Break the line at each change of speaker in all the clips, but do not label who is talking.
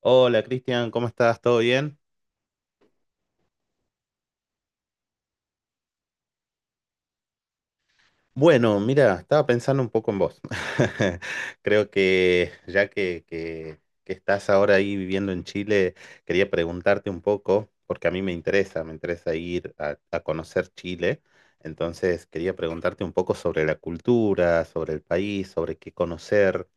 Hola, Cristian, ¿cómo estás? ¿Todo bien? Bueno, mira, estaba pensando un poco en vos. Creo que ya que estás ahora ahí viviendo en Chile, quería preguntarte un poco, porque a mí me interesa ir a conocer Chile. Entonces, quería preguntarte un poco sobre la cultura, sobre el país, sobre qué conocer,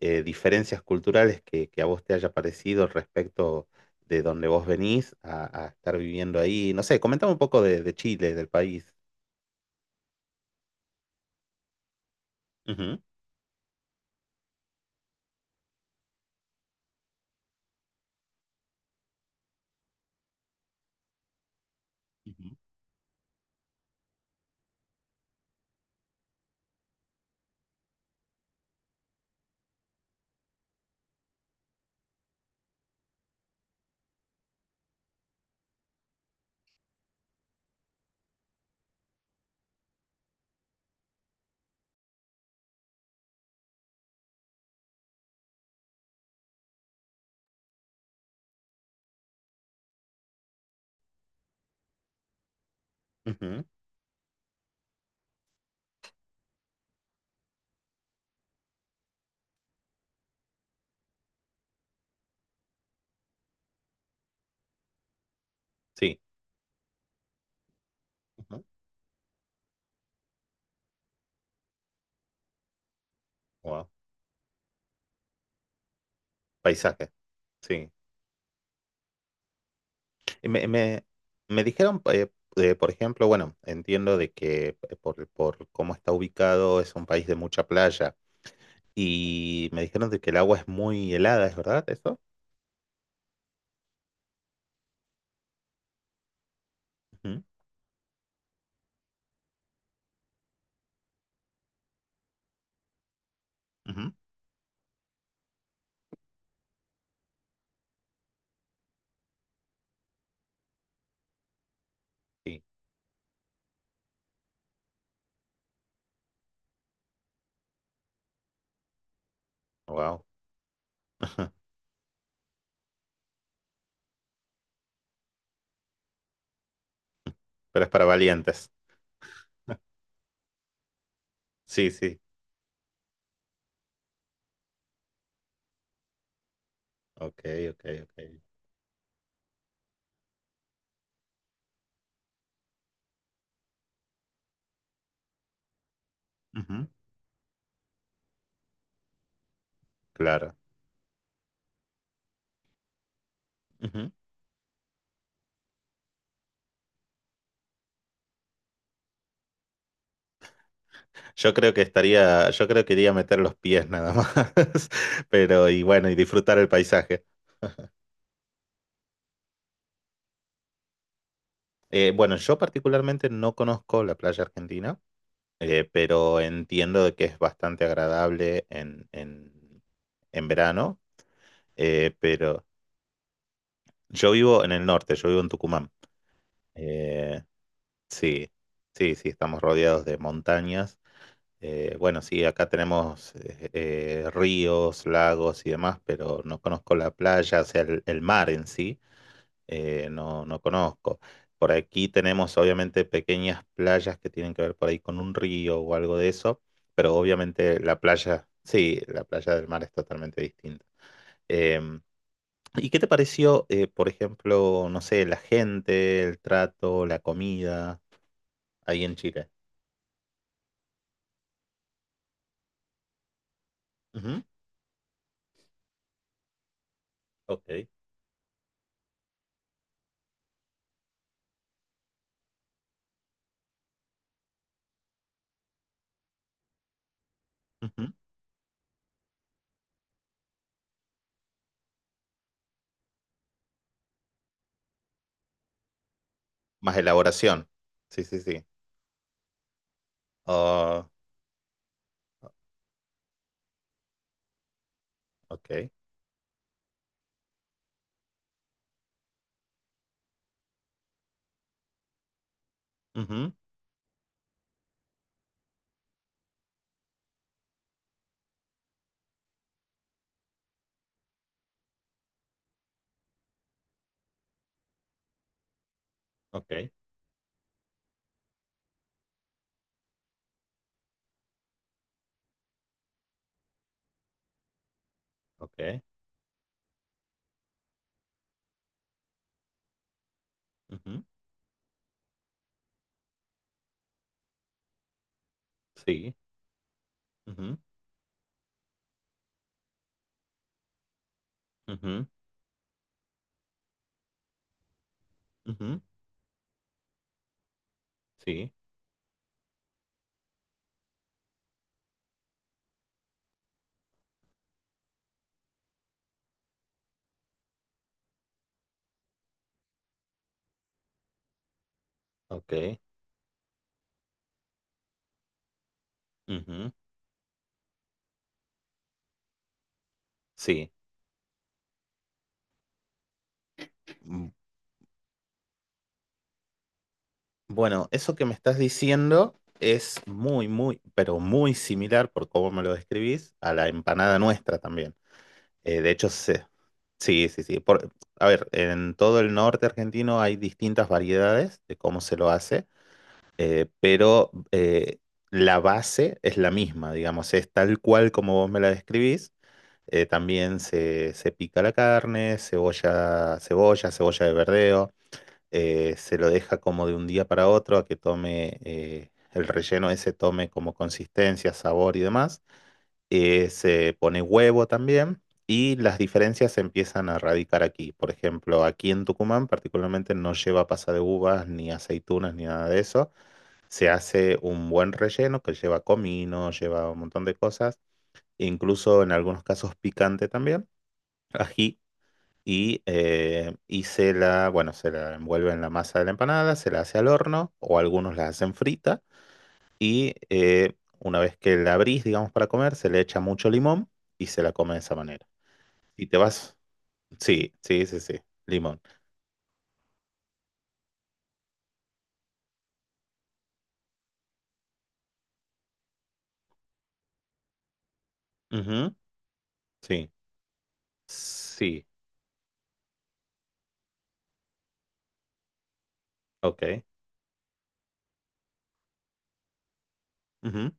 diferencias culturales que a vos te haya parecido respecto de donde vos venís a estar viviendo ahí. No sé, comentame un poco de Chile, del país. Ujú. Ujú. Ujú. Sí. Ujú. Wow. Paisaje, sí. Y Me, me, me dijeron, por ejemplo, bueno, entiendo de que por cómo está ubicado, es un país de mucha playa y me dijeron de que el agua es muy helada, ¿es verdad eso? Ujú, ujú. Sí, wow. Pero es para valientes. Sí, sí. Ok, ok, ok. Ujú. Claro. Ujú. Yo creo que estaría, yo creo que iría a meter los pies nada más, pero y bueno, y disfrutar el paisaje. Bueno, yo particularmente no conozco la playa argentina, pero entiendo de que es bastante agradable en verano, pero yo vivo en el norte, yo vivo en Tucumán. Eh, sí, sí, sí, estamos rodeados de montañas. Bueno, sí, acá tenemos ríos, lagos y demás, pero no conozco la playa, o sea, el mar en sí. No conozco. Por aquí tenemos obviamente pequeñas playas que tienen que ver por ahí con un río o algo de eso, pero obviamente la playa, sí, la playa del mar es totalmente distinta. Em, ¿Y qué te pareció, por ejemplo, no sé, la gente, el trato, la comida ahí en Chile? Ujú. Ok. Ujú. Más elaboración. Sí, sí, sí. Ah, ok. Ujú. Ok. Ok. Ujú. Sí. Ujú. Ujú. Ujú. Sí. Ok. Ujú. Sí. Mm. Bueno, eso que me estás diciendo es muy, muy, pero muy similar por cómo me lo describís a la empanada nuestra también. Eh, de hecho, se- sí, sí, sí. Por, a ver, en todo el norte argentino hay distintas variedades de cómo se lo hace, eh, pero eh, la base es la misma, digamos, es tal cual como vos me la describís. También se pica la carne, cebolla, cebolla, cebolla de verdeo. Se lo deja como de un día para otro a que tome el relleno ese, tome como consistencia, sabor y demás. Se pone huevo también y las diferencias se empiezan a radicar aquí. Por ejemplo, aquí en Tucumán particularmente no lleva pasa de uvas ni aceitunas ni nada de eso. Se hace un buen relleno que lleva comino, lleva un montón de cosas, incluso en algunos casos picante también, ají, y se la, bueno, se la envuelve en la masa de la empanada, se la hace al horno, o algunos la hacen frita, y una vez que la abrís, digamos, para comer, se le echa mucho limón y se la come de esa manera. Y te vas, sí, sí, sí, sí, limón. Ujú, sí, sí, ok. Ujú,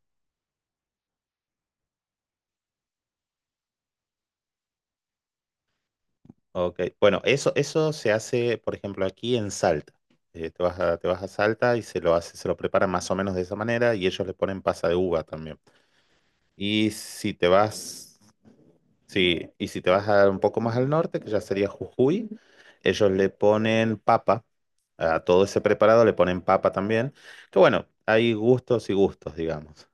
ok. Bueno, eso se hace, por ejemplo, aquí en Salta. Te vas a Salta y se lo hace, se lo preparan más o menos de esa manera, y ellos le ponen pasa de uva también. Y si te vas, sí, y si te vas a un poco más al norte, que ya sería Jujuy, ellos le ponen papa, a todo ese preparado le ponen papa también, que bueno, hay gustos y gustos, digamos.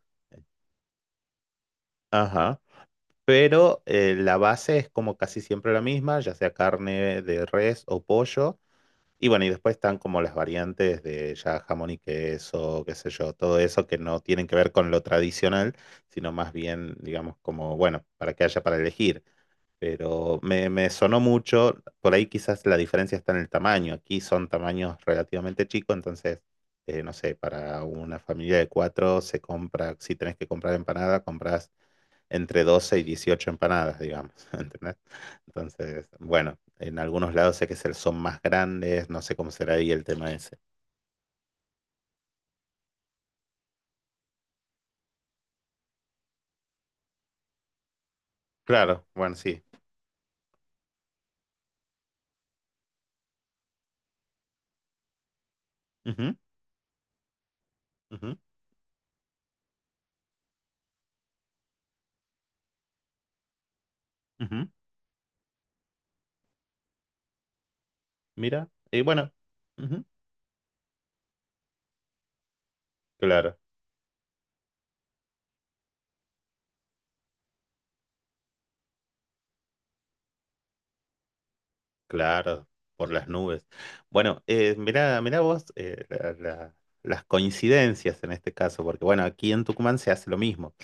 Ajá. Pero la base es como casi siempre la misma, ya sea carne de res o pollo. Y bueno, y después están como las variantes de ya jamón y queso, qué sé yo, todo eso que no tienen que ver con lo tradicional, sino más bien, digamos, como, bueno, para que haya para elegir. Pero me sonó mucho. Por ahí quizás la diferencia está en el tamaño. Aquí son tamaños relativamente chicos, entonces, no sé, para una familia de cuatro se compra, si tenés que comprar empanada, compras entre 12 y 18 empanadas, digamos, ¿entendés? Entonces, bueno, en algunos lados sé son más grandes, no sé cómo será ahí el tema ese. Claro, bueno, sí. Ujú, ujú, ujú. Mira, y bueno, ujú, claro. Claro, por las nubes. Bueno, mirá, mirá vos las coincidencias en este caso, porque bueno, aquí en Tucumán se hace lo mismo.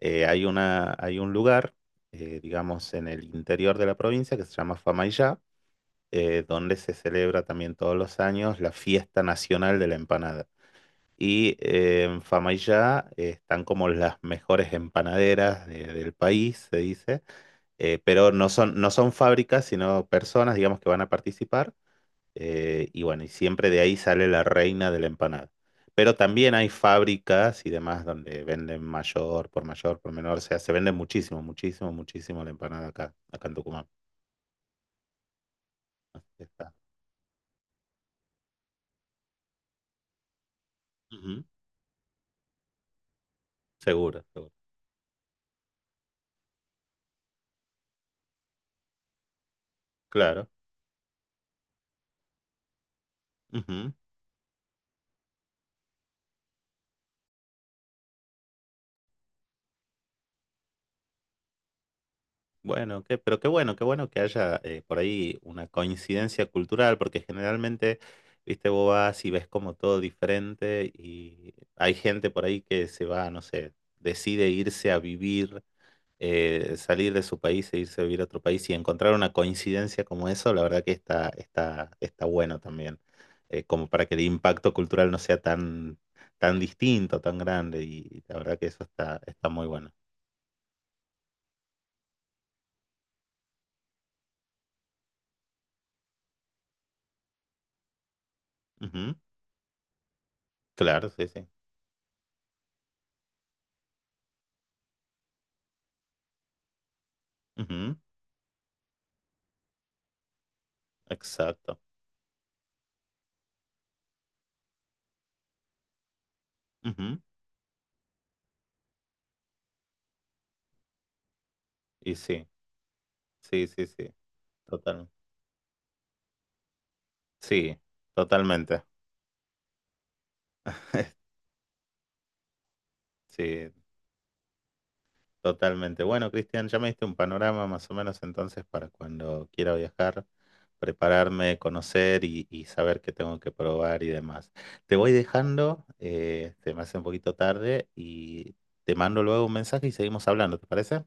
Hay un lugar, digamos, en el interior de la provincia, que se llama Famaillá, donde se celebra también todos los años la fiesta nacional de la empanada. En Famaillá están como las mejores empanaderas del país, se dice, pero no son, no son fábricas, sino personas, digamos, que van a participar, y bueno, y siempre de ahí sale la reina de la empanada. Pero también hay fábricas y demás donde venden mayor, por mayor, por menor. O sea, se vende muchísimo, muchísimo, muchísimo la empanada acá, acá en Tucumán. Así que está. Ujú. Seguro, seguro. Claro. Ujú. Bueno, qué, pero qué bueno que haya por ahí una coincidencia cultural, porque generalmente, viste, vos vas y ves como todo diferente, y hay gente por ahí que se va, no sé, decide irse a vivir, salir de su país e irse a vivir a otro país, y encontrar una coincidencia como eso, la verdad que está, está, está bueno también, como para que el impacto cultural no sea tan, tan distinto, tan grande, y la verdad que eso está, está muy bueno. Ujú. Claro, sí, sí. Ujú. Exacto. Ujú. Y sí, sí, sí, sí, total. Sí, totalmente. Sí. Totalmente. Bueno, Cristian, ya me diste un panorama más o menos, entonces, para cuando quiera viajar, prepararme, conocer y saber qué tengo que probar y demás. Te voy dejando, se me hace un poquito tarde, y te mando luego un mensaje y seguimos hablando, ¿te parece?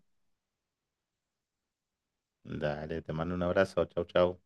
Dale, te mando un abrazo, chau, chau.